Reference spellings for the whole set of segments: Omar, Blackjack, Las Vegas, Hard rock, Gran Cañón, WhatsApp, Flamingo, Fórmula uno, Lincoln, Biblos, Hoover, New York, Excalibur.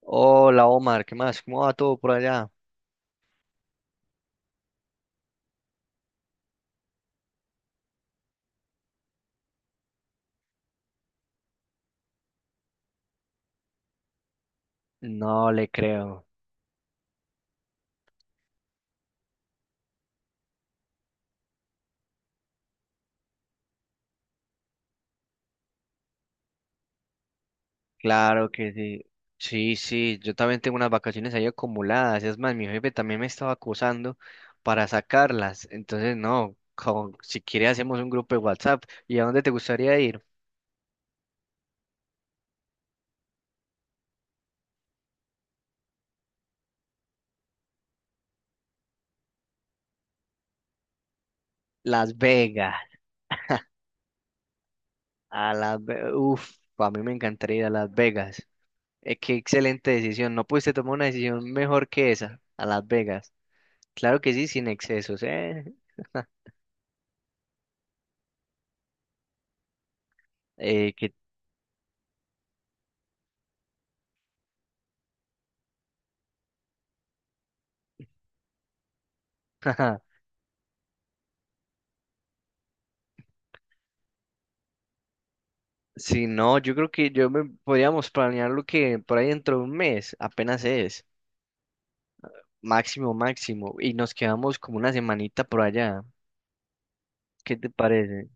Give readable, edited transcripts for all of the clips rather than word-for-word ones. Hola Omar, ¿qué más? ¿Cómo va todo por allá? No le creo. Claro que sí. Sí, sí, yo también tengo unas vacaciones ahí acumuladas. Es más, mi jefe también me estaba acusando para sacarlas. Entonces, no, si quiere hacemos un grupo de WhatsApp. ¿Y a dónde te gustaría ir? Las Vegas. Uf, a mí me encantaría ir a Las Vegas. Qué excelente decisión. No pudiste tomar una decisión mejor que esa. A Las Vegas. Claro que sí, sin excesos, ¿eh? Eh, que... Si no, yo creo que yo me podríamos planear lo que por ahí dentro de un mes apenas es, máximo, máximo, y nos quedamos como una semanita por allá. ¿Qué te parece?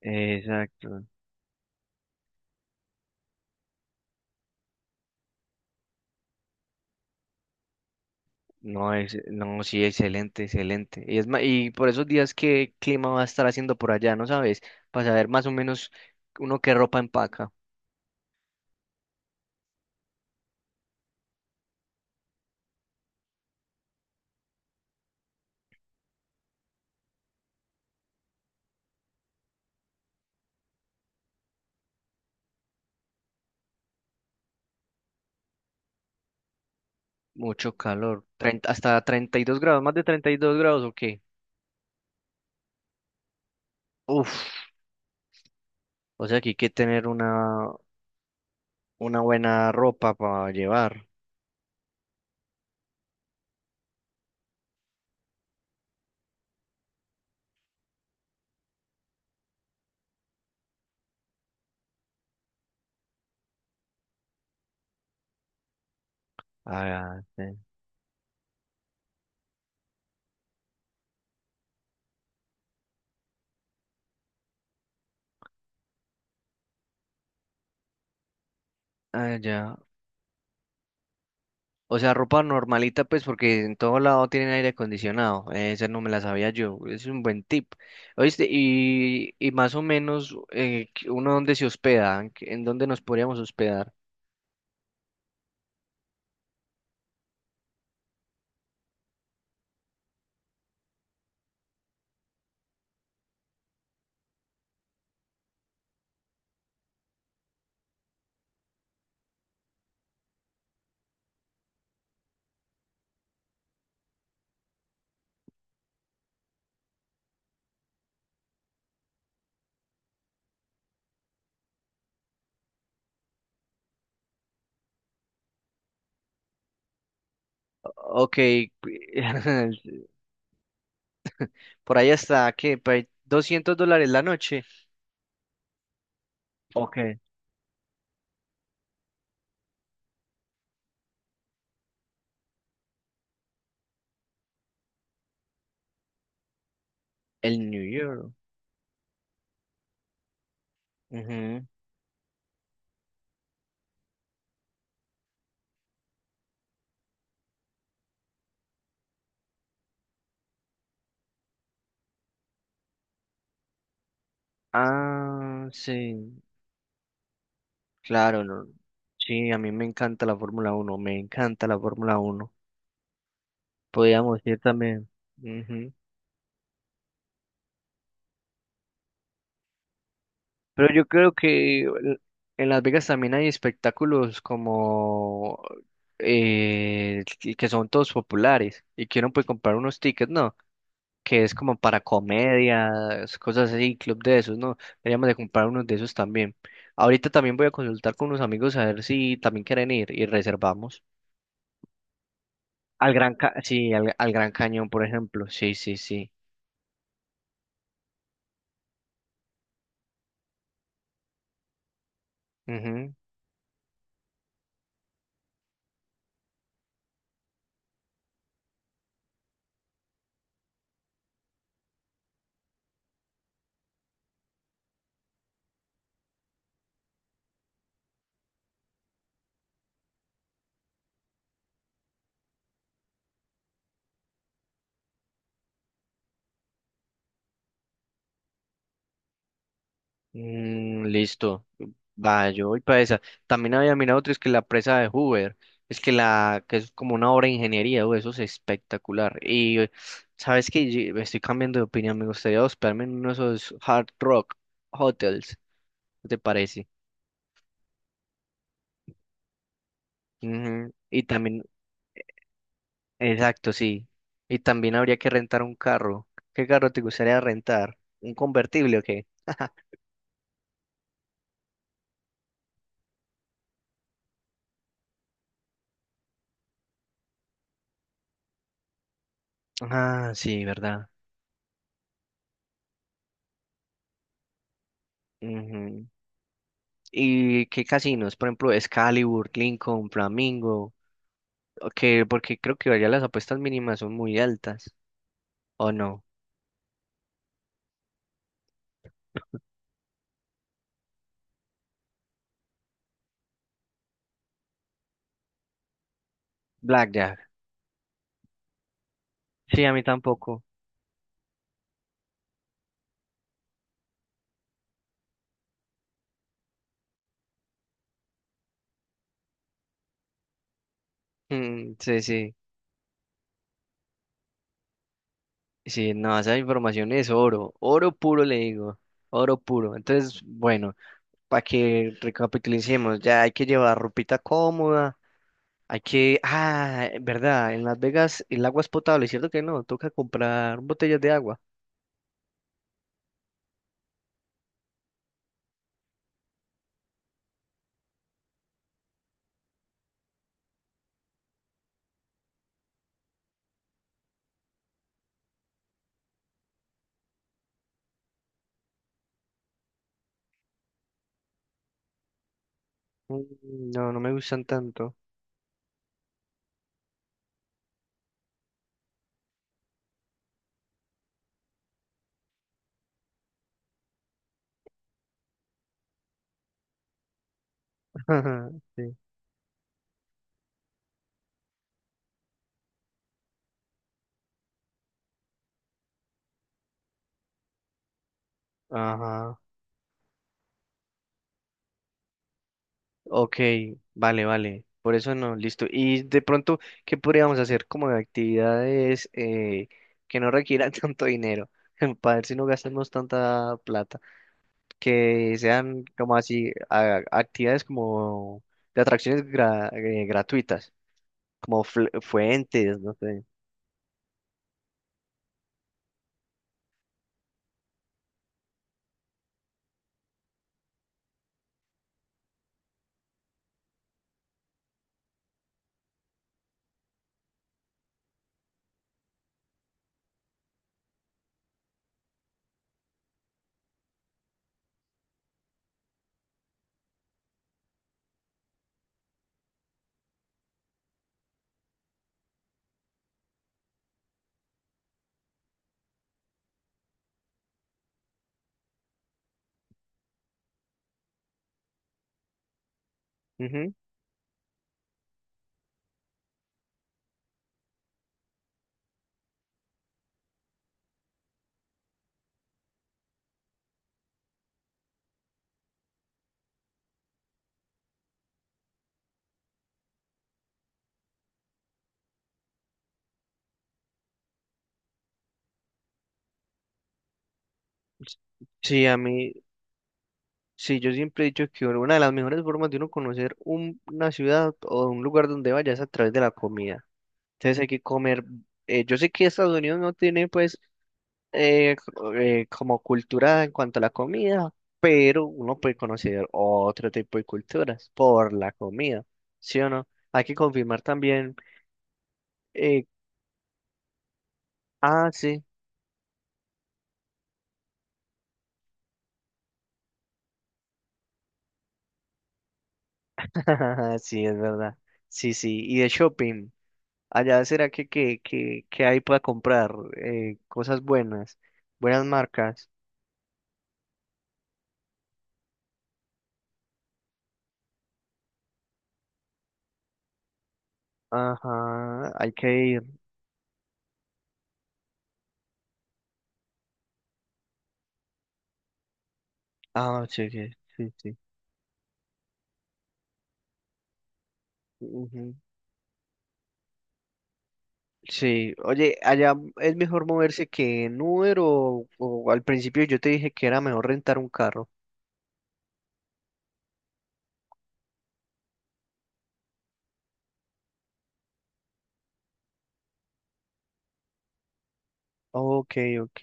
Exacto. No, no, sí, excelente, excelente. Y por esos días, ¿qué clima va a estar haciendo por allá? ¿No sabes? Para saber más o menos uno qué ropa empaca. Mucho calor. 30 hasta 32 grados, más de 32 grados, ¿o qué? Uf, o sea que hay que tener una buena ropa para llevar. Ah, sí. Ah, ya. O sea, ropa normalita, pues, porque en todo lado tienen aire acondicionado. Esa no me la sabía yo. Es un buen tip. ¿Oíste? Y más o menos, que ¿uno dónde se hospeda? ¿En dónde nos podríamos hospedar? Ok. Por ahí está, ¿qué? Por ahí $200 la noche. Ok. El New York. Ujú. Ah, sí. Claro, no. Sí, a mí me encanta la Fórmula 1. Me encanta la Fórmula uno. Podríamos ir también. Ujú. Pero yo creo que en Las Vegas también hay espectáculos como que son todos populares y que uno puede comprar unos tickets, ¿no? Que es como para comedias, cosas así, club de esos, ¿no? Deberíamos de comprar unos de esos también. Ahorita también voy a consultar con unos amigos a ver si también quieren ir y reservamos. Sí, al Gran Cañón, por ejemplo. Sí, sí, sí. Ujú. Mm, listo. Va, yo voy para esa. También había mirado otro, es que la presa de Hoover. Es que la, que es como una obra de ingeniería, uy, eso es espectacular. Y sabes que estoy cambiando de opinión, me gustaría hospedarme en uno de esos hard rock hotels. ¿Qué te parece? Ujú. Y también, exacto, sí. Y también habría que rentar un carro. ¿Qué carro te gustaría rentar? ¿Un convertible o qué? Ah, sí, verdad. Ujú. ¿Y qué casinos? Por ejemplo, Excalibur, Lincoln, Flamingo. Porque creo que allá las apuestas mínimas son muy altas. ¿O no? Blackjack. Sí, a mí tampoco. Mm, sí, sí. Sí, no, esa información es oro. Oro puro, le digo. Oro puro. Entonces, bueno, para que recapitulicemos, ya hay que llevar ropita cómoda. Hay que. Ah, verdad, en Las Vegas el agua es potable, ¿cierto que no? Toca comprar botellas de agua. Mm, no, no me gustan tanto. Sí. Ajá, ok, vale, vale, por eso no, listo. Y de pronto, ¿qué podríamos hacer como de actividades que no requieran tanto dinero? Para ver si no gastamos tanta plata, que sean como así, actividades como de atracciones gratuitas, como fuentes, no sé. Ujú. Sí, a mí, sí, yo siempre he dicho que una de las mejores formas de uno conocer una ciudad o un lugar donde vayas es a través de la comida. Entonces hay que comer. Yo sé que Estados Unidos no tiene, pues, como cultura en cuanto a la comida, pero uno puede conocer otro tipo de culturas por la comida, ¿sí o no? Hay que confirmar también. eh, ah, sí, sí, es verdad. Sí, sí. Y de shopping. Allá será que hay para comprar cosas buenas, buenas marcas. Ajá, hay que ir. Ah, sí, sí, sí. Sí. Sí, oye, allá es mejor moverse que en Uber o al principio yo te dije que era mejor rentar un carro. Ok, ok,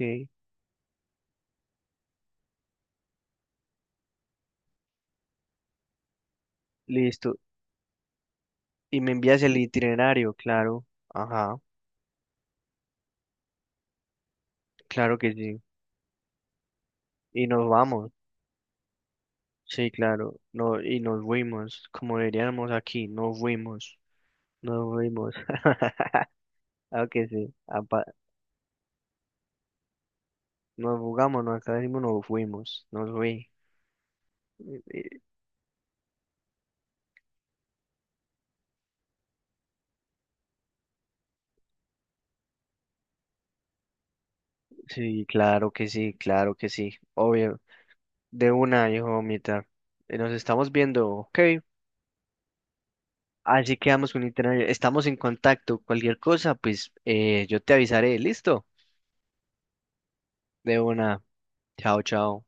listo. Y me envías el itinerario, claro. Ajá, claro que sí. Y nos vamos, sí, claro. No, y nos fuimos, como diríamos aquí, nos fuimos, nos fuimos. Ah, que sí, nos jugamos, nos acá decimos, nos fuimos, nos fui. Eh, Sí, claro que sí, claro que sí, obvio. De una, hijo, mamita. Nos estamos viendo, ok. Así quedamos con internet. Estamos en contacto. Cualquier cosa, pues yo te avisaré. Listo. De una. Chao, chao.